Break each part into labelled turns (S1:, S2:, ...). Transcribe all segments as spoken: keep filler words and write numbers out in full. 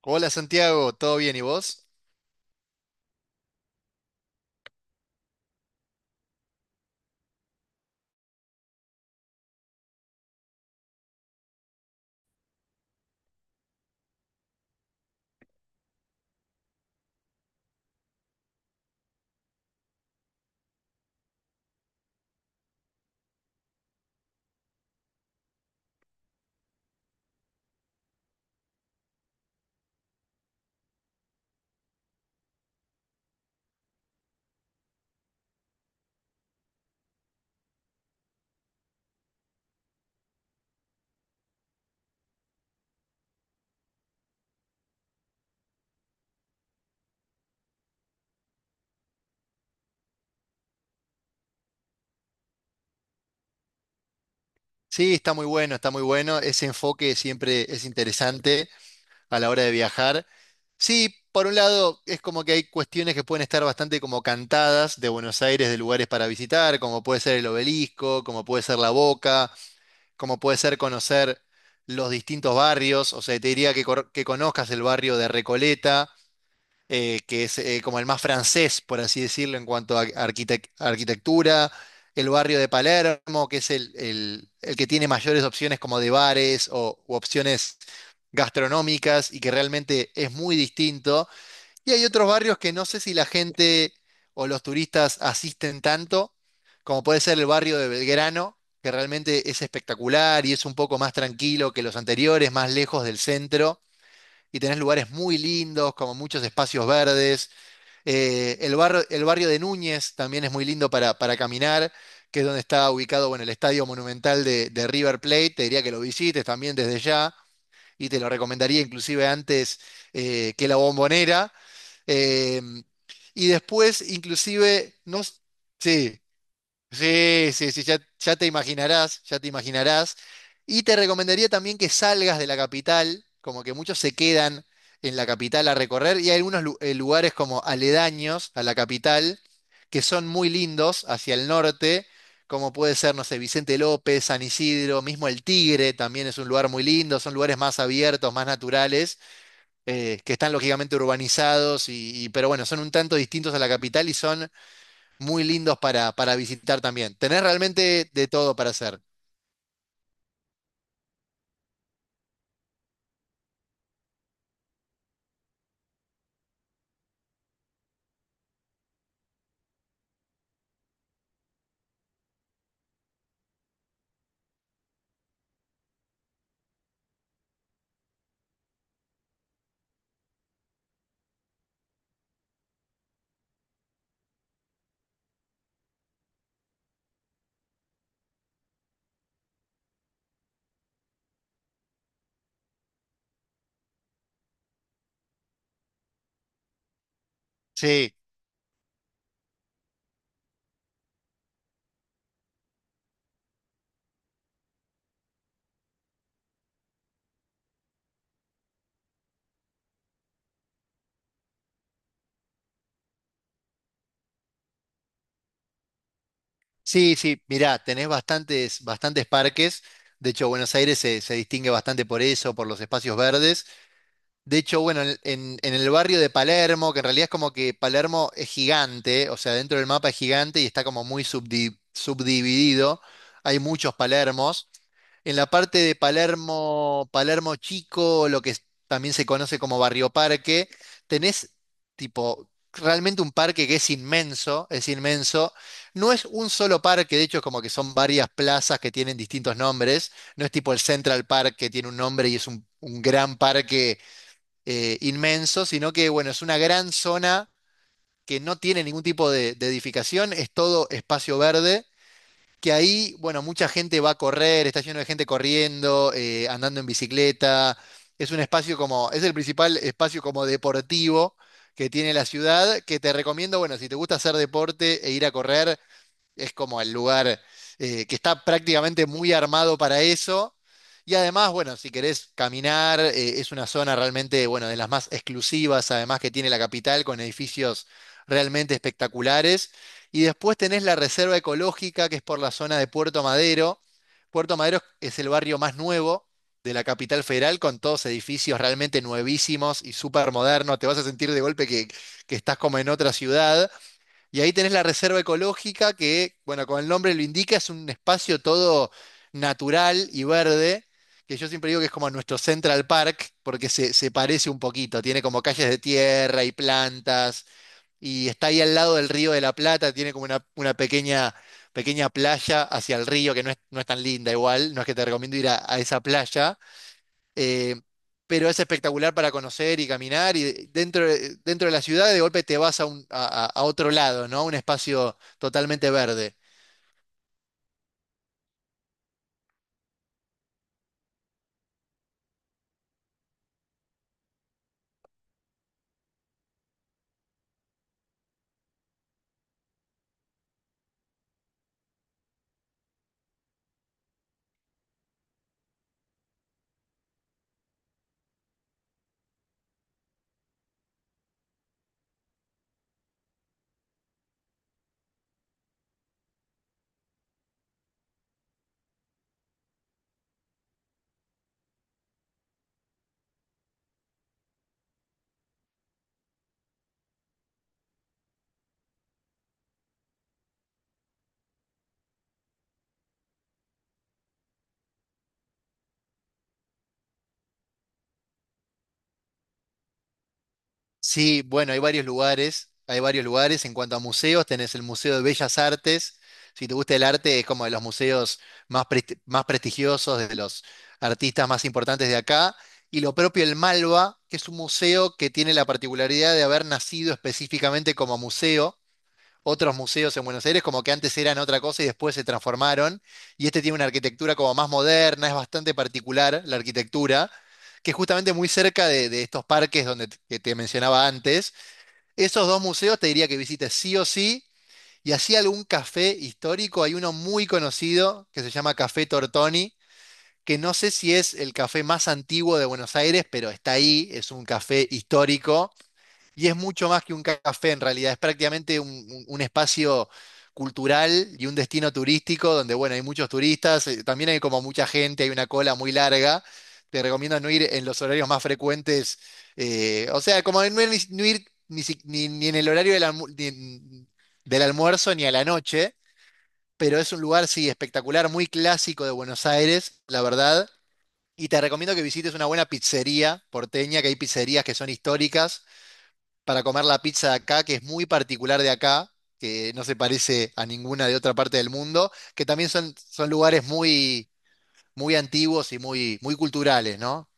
S1: Hola Santiago, ¿todo bien y vos? Sí, está muy bueno, está muy bueno. Ese enfoque siempre es interesante a la hora de viajar. Sí, por un lado es como que hay cuestiones que pueden estar bastante como cantadas de Buenos Aires, de lugares para visitar, como puede ser el Obelisco, como puede ser La Boca, como puede ser conocer los distintos barrios. O sea, te diría que, cor- que conozcas el barrio de Recoleta, eh, que es eh, como el más francés, por así decirlo, en cuanto a arquitec- arquitectura, el barrio de Palermo, que es el, el- el que tiene mayores opciones como de bares o u opciones gastronómicas y que realmente es muy distinto. Y hay otros barrios que no sé si la gente o los turistas asisten tanto, como puede ser el barrio de Belgrano, que realmente es espectacular y es un poco más tranquilo que los anteriores, más lejos del centro, y tenés lugares muy lindos, como muchos espacios verdes, eh, el barrio, el barrio de Núñez también es muy lindo para, para caminar, que es donde está ubicado, bueno, el Estadio Monumental de, de River Plate. Te diría que lo visites también desde ya y te lo recomendaría inclusive antes eh, que la Bombonera. Eh, y después, inclusive, no, s- sí, sí, sí, sí, ya, ya te imaginarás, ya te imaginarás. Y te recomendaría también que salgas de la capital, como que muchos se quedan en la capital a recorrer y hay algunos lu- eh, lugares como aledaños a la capital que son muy lindos hacia el norte, como puede ser, no sé, Vicente López, San Isidro, mismo el Tigre también es un lugar muy lindo, son lugares más abiertos, más naturales, eh, que están lógicamente urbanizados, y, y- pero bueno, son un tanto distintos a la capital y son muy lindos para, para visitar también. Tenés realmente de todo para hacer. Sí, sí, sí. Mirá, tenés bastantes, bastantes parques. De hecho, Buenos Aires se, se distingue bastante por eso, por los espacios verdes. De hecho, bueno, en, en- en el barrio de Palermo, que en realidad es como que Palermo es gigante, o sea, dentro del mapa es gigante y está como muy subdi- subdividido. Hay muchos Palermos. En la parte de Palermo, Palermo Chico, lo que es- también se conoce como Barrio Parque, tenés tipo realmente un parque que es inmenso, es inmenso. No es un solo parque, de hecho es como que son varias plazas que tienen distintos nombres. No es tipo el Central Park que tiene un nombre y es un, un gran parque eh, inmenso, sino que bueno, es una gran zona que no tiene ningún tipo de de edificación, es todo espacio verde que ahí, bueno, mucha gente va a correr, está lleno de gente corriendo, eh, andando en bicicleta. Es un espacio como, es el principal espacio como deportivo que tiene la ciudad, que te recomiendo, bueno, si te gusta hacer deporte e ir a correr, es como el lugar eh, que está prácticamente muy armado para eso. Y además, bueno, si querés caminar, eh, es una zona realmente, bueno, de las más exclusivas, además que tiene la capital, con edificios realmente espectaculares. Y después tenés la reserva ecológica, que es por la zona de Puerto Madero. Puerto Madero es el barrio más nuevo de la capital federal, con todos edificios realmente nuevísimos y súper modernos. Te vas a sentir de golpe que, que estás como en otra ciudad. Y ahí tenés la reserva ecológica que, bueno, como el nombre lo indica, es un espacio todo natural y verde, que yo siempre digo que es como nuestro Central Park, porque se, se parece un poquito, tiene como calles de tierra y plantas, y está ahí al lado del río de la Plata, tiene como una, una pequeña, pequeña playa hacia el río, que no es, no es tan linda igual, no es que te recomiendo ir a a esa playa. eh, pero es espectacular para conocer y caminar y dentro, de- dentro de la ciudad de golpe te vas a, un- a- a- a otro lado, ¿no? Un espacio totalmente verde. Sí, bueno, hay varios lugares, hay varios lugares. En cuanto a museos, tenés el Museo de Bellas Artes. Si te gusta el arte, es como de los museos más, presti- más prestigiosos, de los artistas más importantes de acá. Y lo propio el Malva, que es un museo que tiene la particularidad de haber nacido específicamente como museo. Otros museos en Buenos Aires, como que antes eran otra cosa y después se transformaron. Y este tiene una arquitectura como más moderna, es bastante particular la arquitectura, que es justamente muy cerca de, de estos parques donde t- que te mencionaba antes. Esos dos museos te diría que visites sí o sí. Y así algún café histórico, hay uno muy conocido que se llama Café Tortoni, que no sé si es el café más antiguo de Buenos Aires, pero está ahí, es un café histórico y es mucho más que un café en realidad, es prácticamente un, un- un espacio cultural y un destino turístico donde, bueno, hay muchos turistas, eh, también hay como mucha gente, hay una cola muy larga. Te recomiendo no ir en los horarios más frecuentes, eh, o sea, como no ir, ni, no ir ni si- ni- ni en el horario del, almu- ni en- del almuerzo ni a la noche, pero es un lugar, sí, espectacular, muy clásico de Buenos Aires, la verdad. Y te recomiendo que visites una buena pizzería porteña, que hay pizzerías que son históricas para comer la pizza de acá, que es muy particular de acá, que no se parece a ninguna de otra parte del mundo, que también son, son lugares muy, muy antiguos y muy, muy culturales, ¿no?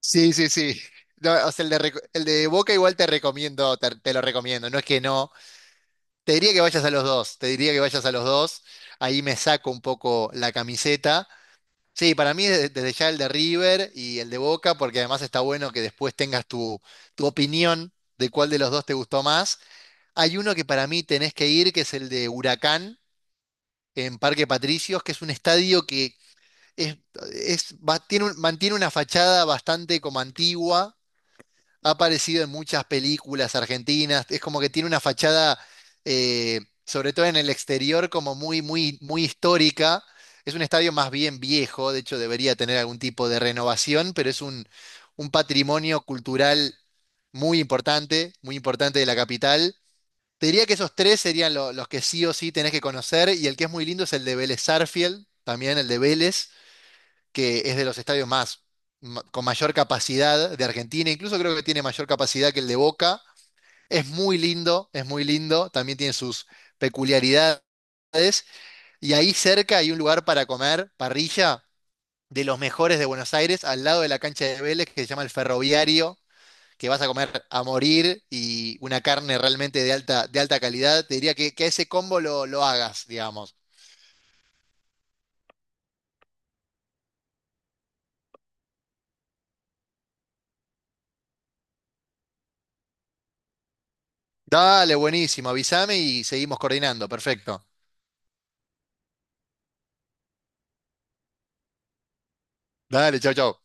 S1: Sí, sí, sí. No, o sea, el de, Reco- el de Boca igual te recomiendo, te, te lo recomiendo, no es que no. Te diría que vayas a los dos, te diría que vayas a los dos. Ahí me saco un poco la camiseta. Sí, para mí desde, desde ya el de River y el de Boca, porque además está bueno que después tengas tu, tu opinión de cuál de los dos te gustó más. Hay uno que para mí tenés que ir, que es el de Huracán en Parque Patricios, que es un estadio que es, es- va- tiene un- mantiene una fachada bastante como antigua, ha aparecido en muchas películas argentinas, es como que tiene una fachada, eh, sobre todo en el exterior, como muy, muy, muy histórica. Es un estadio más bien viejo, de hecho debería tener algún tipo de renovación, pero es un, un patrimonio cultural muy importante, muy importante de la capital. Te diría que esos tres serían lo- los que sí o sí tenés que conocer y el que es muy lindo es el de Vélez Sarsfield, también el de Vélez, que es de los estadios más ma- con mayor capacidad de Argentina, incluso creo que tiene mayor capacidad que el de Boca. Es muy lindo, es muy lindo, también tiene sus peculiaridades y ahí cerca hay un lugar para comer, parrilla, de los mejores de Buenos Aires, al lado de la cancha de Vélez que se llama el Ferroviario, que vas a comer a morir y una carne realmente de alta, de alta calidad, te diría que, que ese combo lo, lo hagas, digamos. Dale, buenísimo, avísame y seguimos coordinando. Perfecto. Dale, chau, chau.